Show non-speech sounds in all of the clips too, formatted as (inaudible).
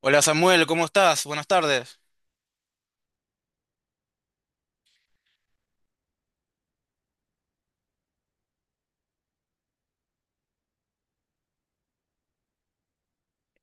Hola Samuel, ¿cómo estás? Buenas tardes.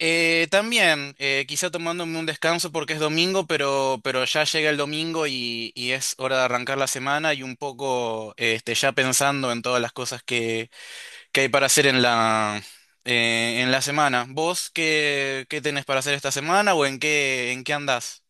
También, quizá tomándome un descanso porque es domingo, pero ya llega el domingo y es hora de arrancar la semana y un poco ya pensando en todas las cosas que hay para hacer en la semana. ¿Vos qué tenés para hacer esta semana o en qué andás?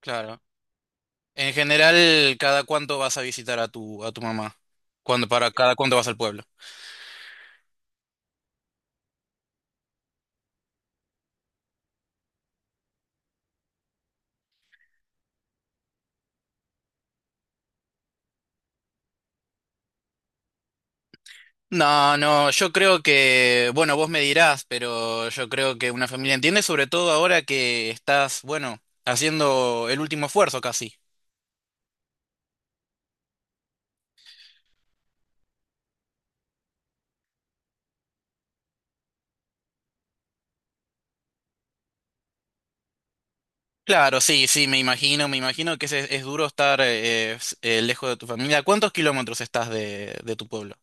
Claro. En general, ¿cada cuánto vas a visitar a tu mamá? ¿Cuándo, para cada cuánto vas al pueblo? No, no, yo creo que, bueno, vos me dirás, pero yo creo que una familia entiende, sobre todo ahora que estás, bueno, haciendo el último esfuerzo casi. Claro, sí, sí, me imagino que es duro estar lejos de tu familia. ¿Cuántos kilómetros estás de tu pueblo?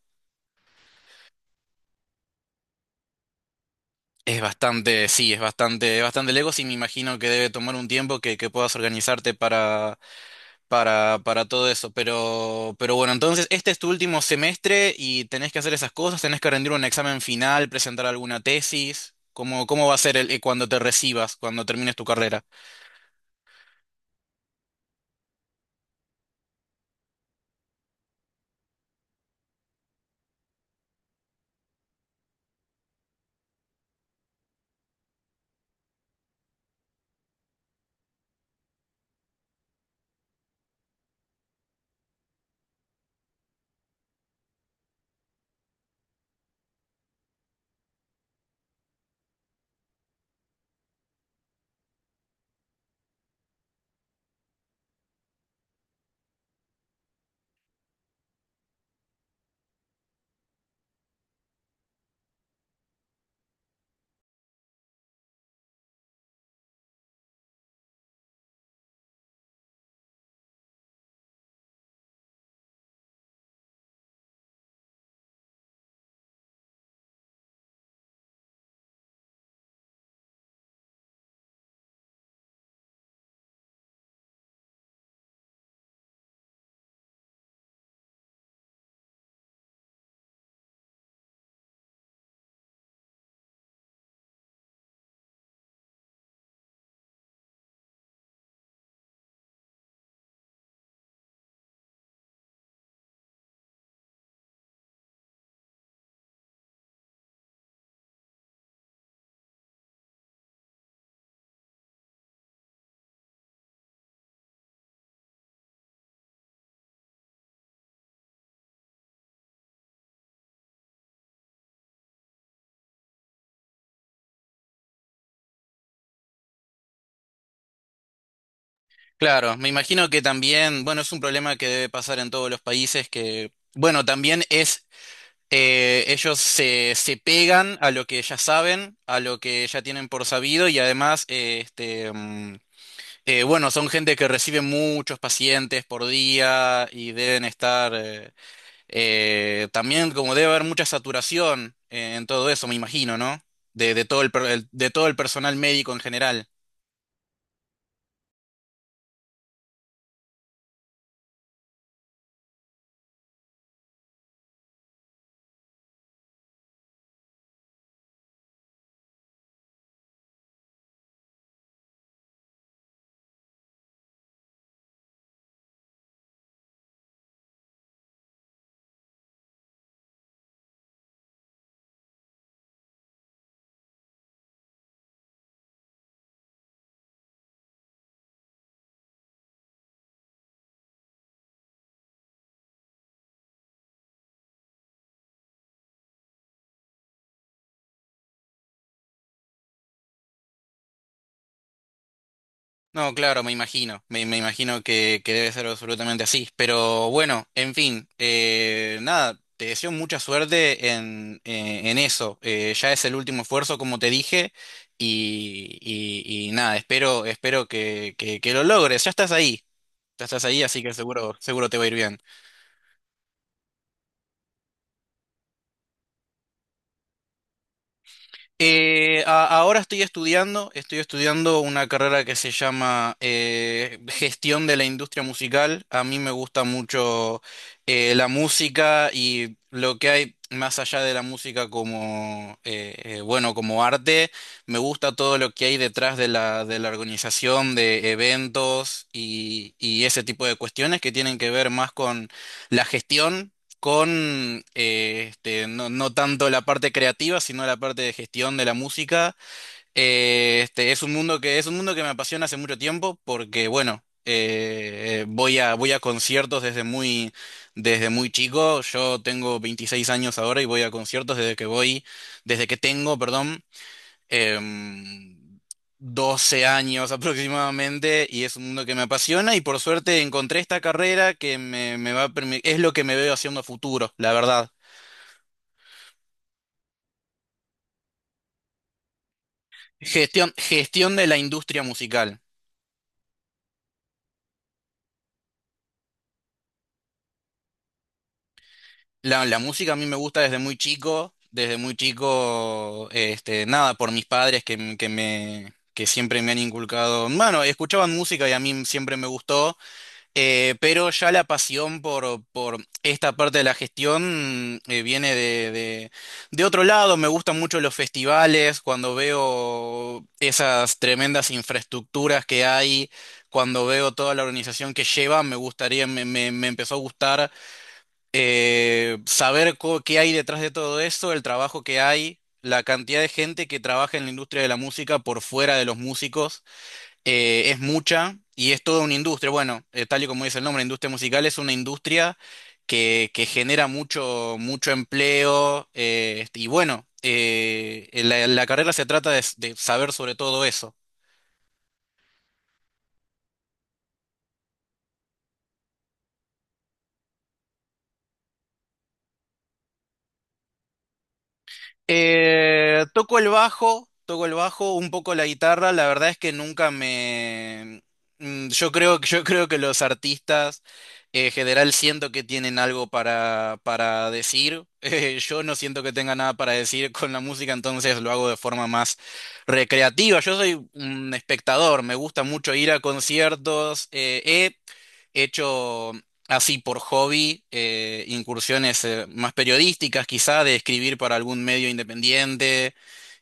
Es bastante, sí, es bastante lejos y me imagino que debe tomar un tiempo que puedas organizarte para todo eso. Pero bueno, entonces este es tu último semestre y tenés que hacer esas cosas, tenés que rendir un examen final, presentar alguna tesis. ¿Cómo va a ser cuando te recibas, cuando termines tu carrera? Claro, me imagino que también, bueno, es un problema que debe pasar en todos los países que, bueno, también es, ellos se pegan a lo que ya saben, a lo que ya tienen por sabido y además, bueno, son gente que recibe muchos pacientes por día y deben estar también como debe haber mucha saturación en todo eso, me imagino, ¿no? De todo de todo el personal médico en general. No, claro, me imagino, me imagino que debe ser absolutamente así. Pero bueno, en fin, nada, te deseo mucha suerte en eso. Ya es el último esfuerzo, como te dije, y nada, espero que lo logres. Ya estás ahí, así que seguro, seguro te va a ir bien. Ahora estoy estudiando una carrera que se llama Gestión de la Industria Musical. A mí me gusta mucho la música y lo que hay más allá de la música como, bueno, como arte. Me gusta todo lo que hay detrás de de la organización de eventos y ese tipo de cuestiones que tienen que ver más con la gestión con no, no tanto la parte creativa, sino la parte de gestión de la música. Es un mundo es un mundo que me apasiona hace mucho tiempo porque, bueno, voy voy a conciertos desde muy chico. Yo tengo 26 años ahora y voy a conciertos desde que voy, desde que tengo, perdón em, 12 años aproximadamente y es un mundo que me apasiona y por suerte encontré esta carrera que me va a es lo que me veo haciendo a futuro, la verdad. Gestión, gestión de la industria musical. La música a mí me gusta desde muy chico, este, nada, por mis padres que me... que siempre me han inculcado, bueno, escuchaban música y a mí siempre me gustó. Pero ya la pasión por esta parte de la gestión viene de otro lado. Me gustan mucho los festivales, cuando veo esas tremendas infraestructuras que hay, cuando veo toda la organización que lleva, me empezó a gustar saber qué hay detrás de todo eso, el trabajo que hay, la cantidad de gente que trabaja en la industria de la música por fuera de los músicos es mucha y es toda una industria. Bueno, tal y como dice el nombre, industria musical es una industria que genera mucho empleo y bueno, la carrera se trata de saber sobre todo eso. Toco el bajo, toco el bajo, un poco la guitarra. La verdad es que nunca me. Yo creo que los artistas en general siento que tienen algo para decir. (laughs) Yo no siento que tenga nada para decir con la música, entonces lo hago de forma más recreativa. Yo soy un espectador, me gusta mucho ir a conciertos. He hecho así por hobby incursiones más periodísticas, quizá de escribir para algún medio independiente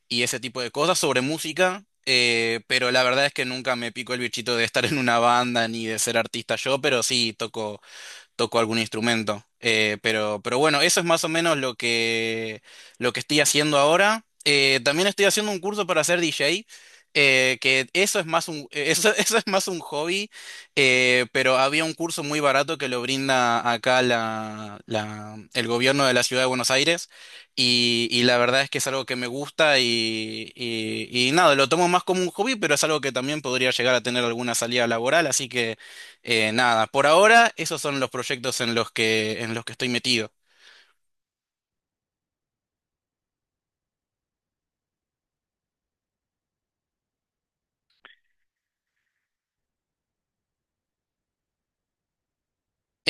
y ese tipo de cosas sobre música, pero la verdad es que nunca me pico el bichito de estar en una banda ni de ser artista yo, pero sí toco toco algún instrumento. Pero bueno, eso es más o menos lo lo que estoy haciendo ahora. También estoy haciendo un curso para ser DJ, que eso es más un, eso, (laughs) eso es más un hobby, pero había un curso muy barato que lo brinda acá el gobierno de la ciudad de Buenos Aires. Y la verdad es que es algo que me gusta y nada, lo tomo más como un hobby, pero es algo que también podría llegar a tener alguna salida laboral, así que nada, por ahora esos son los proyectos en los que estoy metido.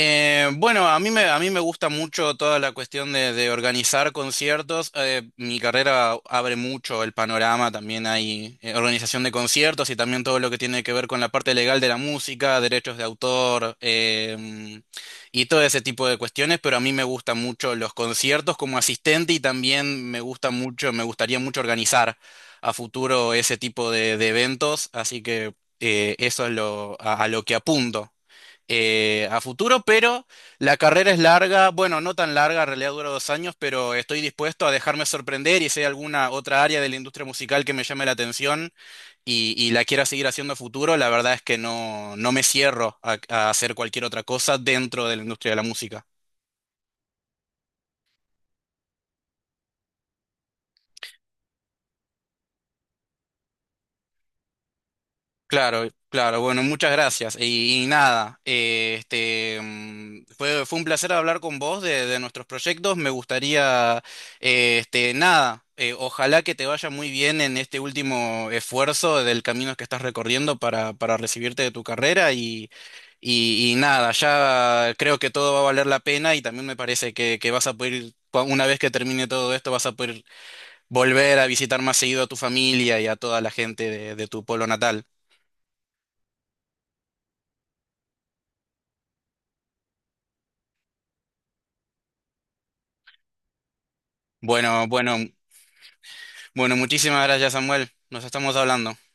Bueno, a mí me gusta mucho toda la cuestión de organizar conciertos. Mi carrera abre mucho el panorama, también hay organización de conciertos y también todo lo que tiene que ver con la parte legal de la música, derechos de autor y todo ese tipo de cuestiones, pero a mí me gustan mucho los conciertos como asistente y también me gusta mucho, me gustaría mucho organizar a futuro ese tipo de eventos, así que eso es lo, a lo que apunto a futuro, pero la carrera es larga, bueno, no tan larga, en realidad dura dos años, pero estoy dispuesto a dejarme sorprender y si hay alguna otra área de la industria musical que me llame la atención y la quiera seguir haciendo a futuro, la verdad es que no, no me cierro a hacer cualquier otra cosa dentro de la industria de la música. Claro, claro, bueno, muchas gracias. Y nada, fue, fue un placer hablar con vos de nuestros proyectos. Me gustaría, nada, ojalá que te vaya muy bien en este último esfuerzo del camino que estás recorriendo para recibirte de tu carrera y nada, ya creo que todo va a valer la pena y también me parece que vas a poder, una vez que termine todo esto, vas a poder volver a visitar más seguido a tu familia y a toda la gente de tu pueblo natal. Bueno, bueno, bueno, muchísimas gracias, Samuel. Nos estamos hablando.